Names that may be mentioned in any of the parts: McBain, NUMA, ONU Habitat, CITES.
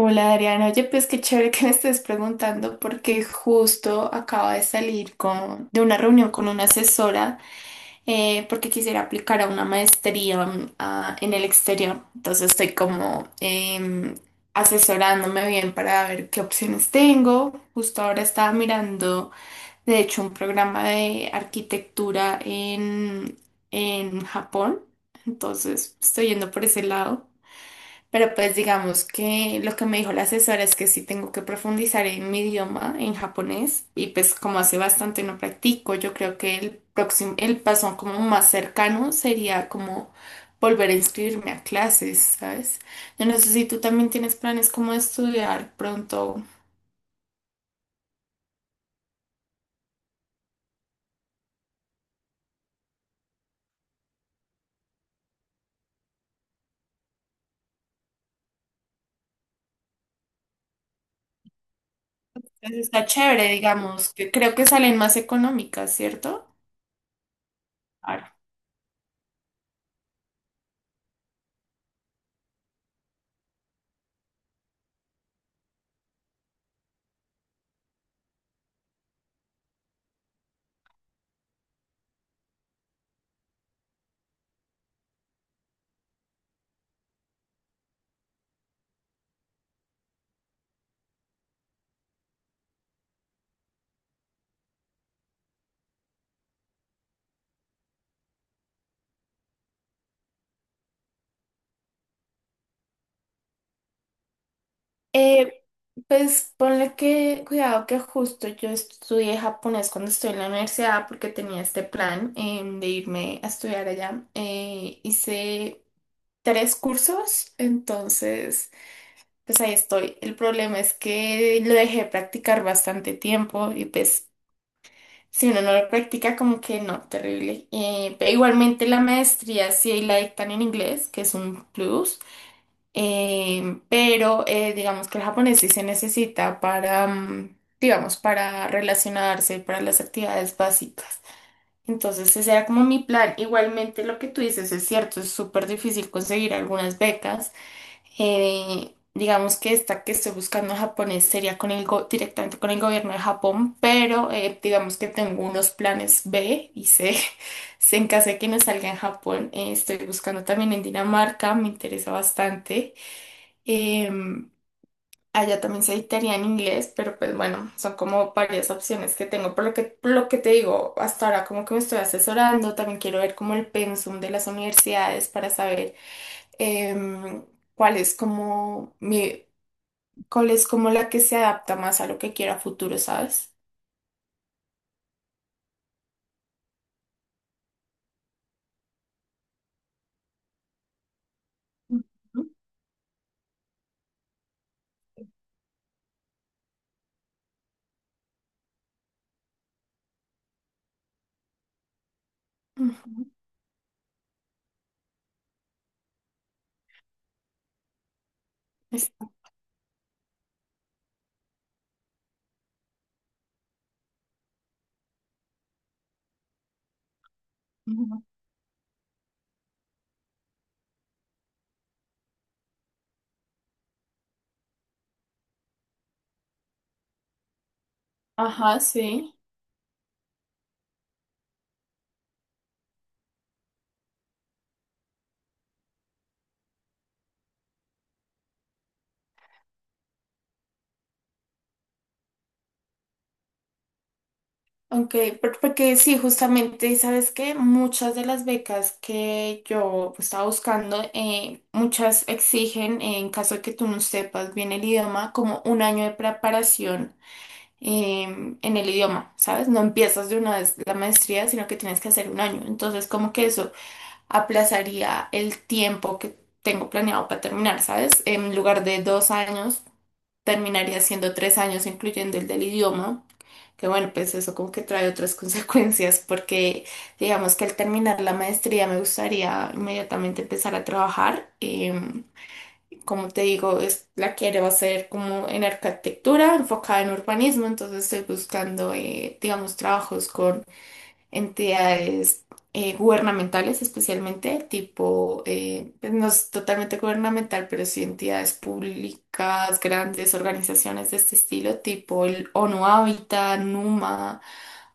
Hola Adriana, oye, pues qué chévere que me estés preguntando porque justo acaba de salir de una reunión con una asesora porque quisiera aplicar a una maestría en el exterior. Entonces estoy como asesorándome bien para ver qué opciones tengo. Justo ahora estaba mirando, de hecho, un programa de arquitectura en Japón. Entonces estoy yendo por ese lado. Pero pues digamos que lo que me dijo la asesora es que sí tengo que profundizar en mi idioma, en japonés, y pues como hace bastante no practico, yo creo que el próximo, el paso como más cercano sería como volver a inscribirme a clases, ¿sabes? Yo no sé si tú también tienes planes como de estudiar pronto. Pues está chévere, digamos, que creo que salen más económicas, ¿cierto? Claro. Eh, Pues ponle que, cuidado que justo yo estudié japonés cuando estuve en la universidad porque tenía este plan de irme a estudiar allá. Hice tres cursos, entonces pues ahí estoy. El problema es que lo dejé practicar bastante tiempo y pues si uno no lo practica como que no, terrible. Pero igualmente la maestría sí la dictan en inglés, que es un plus. Digamos que el japonés sí se necesita para, digamos, para relacionarse, para las actividades básicas. Entonces ese era como mi plan. Igualmente lo que tú dices es cierto, es súper difícil conseguir algunas becas. Digamos que esta que estoy buscando en japonés sería con el directamente con el gobierno de Japón, pero digamos que tengo unos planes B y C. Si En caso de que no salga en Japón, estoy buscando también en Dinamarca, me interesa bastante. Em, allá también se dictaría en inglés, pero pues bueno, son como varias opciones que tengo. Por lo que te digo, hasta ahora como que me estoy asesorando, también quiero ver como el pensum de las universidades para saber em, cuál es como mi, cuál es como la que se adapta más a lo que quiero a futuro, ¿sabes? Ujú. Ujú. Es- ujú. Ajá, sí. Ok, porque sí, justamente, ¿sabes que muchas de las becas que yo pues, estaba buscando, muchas exigen, en caso de que tú no sepas bien el idioma, como un año de preparación eh, en el idioma, ¿sabes? No empiezas de una vez la maestría, sino que tienes que hacer un año. Entonces, como que eso aplazaría el tiempo que tengo planeado para terminar, ¿sabes? En lugar de 2 años terminaría siendo 3 años, incluyendo el del idioma, que bueno, pues eso como que trae otras consecuencias, porque digamos que al terminar la maestría me gustaría inmediatamente empezar a trabajar. Como te digo, es, la quiero hacer como en arquitectura, enfocada en urbanismo, entonces estoy buscando, digamos, trabajos entidades gubernamentales especialmente, tipo, pues no es totalmente gubernamental, pero sí entidades públicas, grandes organizaciones de este estilo, tipo el ONU Habitat, NUMA,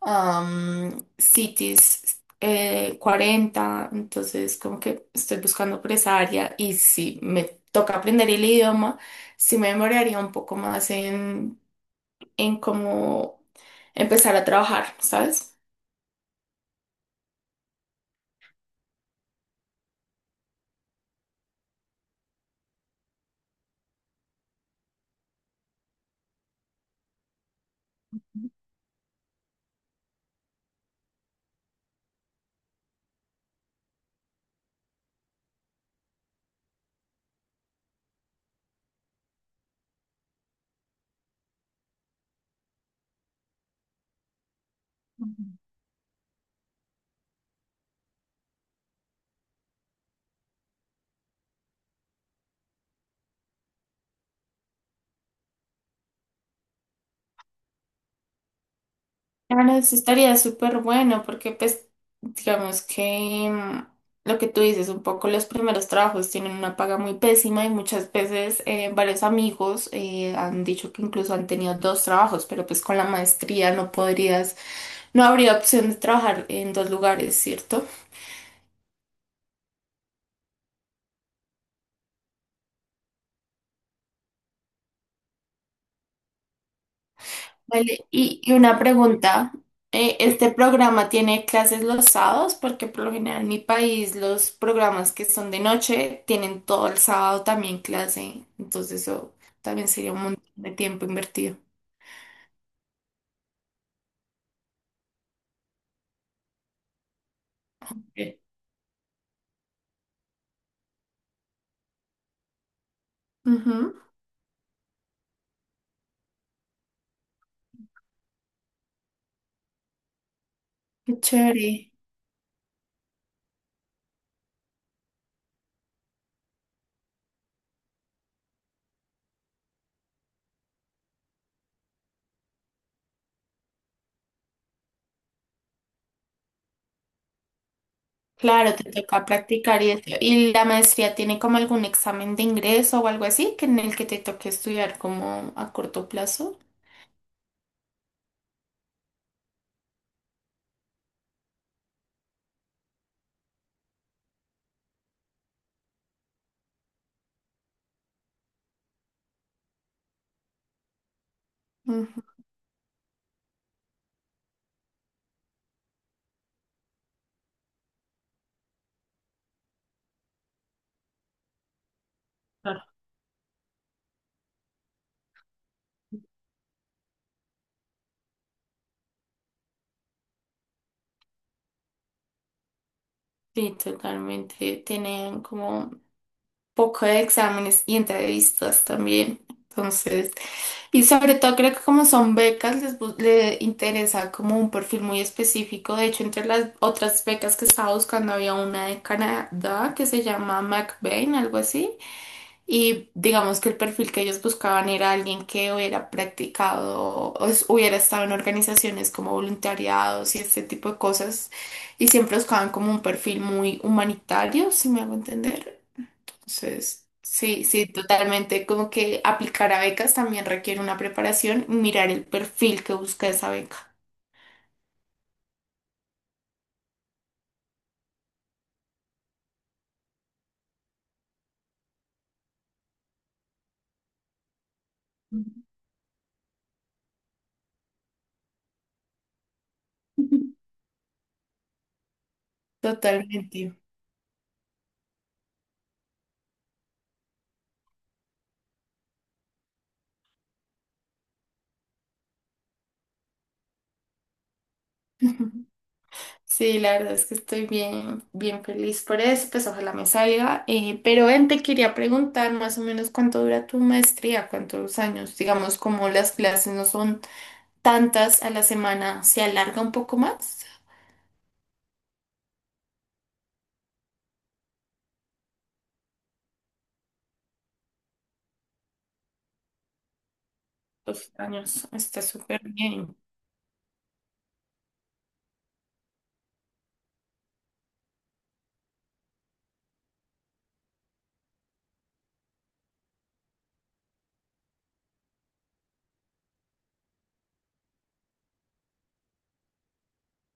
CITES 40, entonces como que estoy buscando por esa área y si me toca aprender el idioma, sí me demoraría un poco más en, cómo empezar a trabajar, ¿sabes? Claro, eso estaría súper bueno porque pues digamos que lo que tú dices, un poco los primeros trabajos tienen una paga muy pésima y muchas veces varios amigos han dicho que incluso han tenido dos trabajos, pero pues con la maestría no podrías, no habría opción de trabajar en dos lugares, ¿cierto? Vale, y una pregunta. ¿Este programa tiene clases los sábados? Porque por lo general en mi país los programas que son de noche tienen todo el sábado también clase. Entonces eso también sería un montón de tiempo invertido. Sí. Ujú. Qué chévere. Claro, te toca practicar y eso. ¿Y la maestría tiene como algún examen de ingreso o algo así que en el que te toque estudiar como a corto plazo? Ujú. Claro. Sí, totalmente. Tienen como poco de exámenes y entrevistas también. Entonces, y sobre todo creo que como son becas, le interesa como un perfil muy específico. De hecho, entre las otras becas que estaba buscando había una de Canadá que se llama McBain, algo así. Y digamos que el perfil que ellos buscaban era alguien que hubiera practicado, hubiera estado en organizaciones como voluntariados y este tipo de cosas. Y siempre buscaban como un perfil muy humanitario, si me hago entender. Entonces, sí, sí, totalmente. Como que aplicar a becas también requiere una preparación, mirar el perfil que busca esa beca. Totalmente. Sí, la verdad es que estoy bien, bien feliz por eso, pues ojalá me salga. Pero ven, te quería preguntar más o menos cuánto dura tu maestría, cuántos años, digamos, como las clases no son tantas a la semana, ¿se alarga un poco más? Dos años, está súper bien,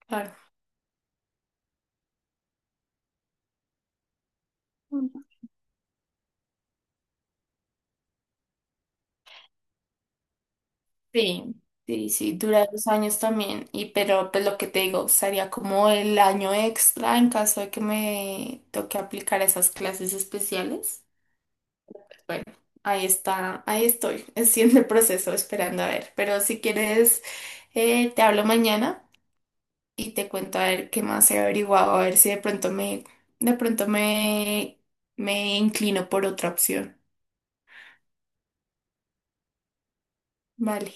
claro. Sí, sí, sí, dura 2 años también. Y pero pues lo que te digo, sería como el año extra en caso de que me toque aplicar esas clases especiales. Bueno, ahí está, ahí estoy, haciendo el proceso, esperando a ver. Pero si quieres, te hablo mañana y te cuento a ver qué más he averiguado, a ver si de pronto me, me inclino por otra opción. Vale.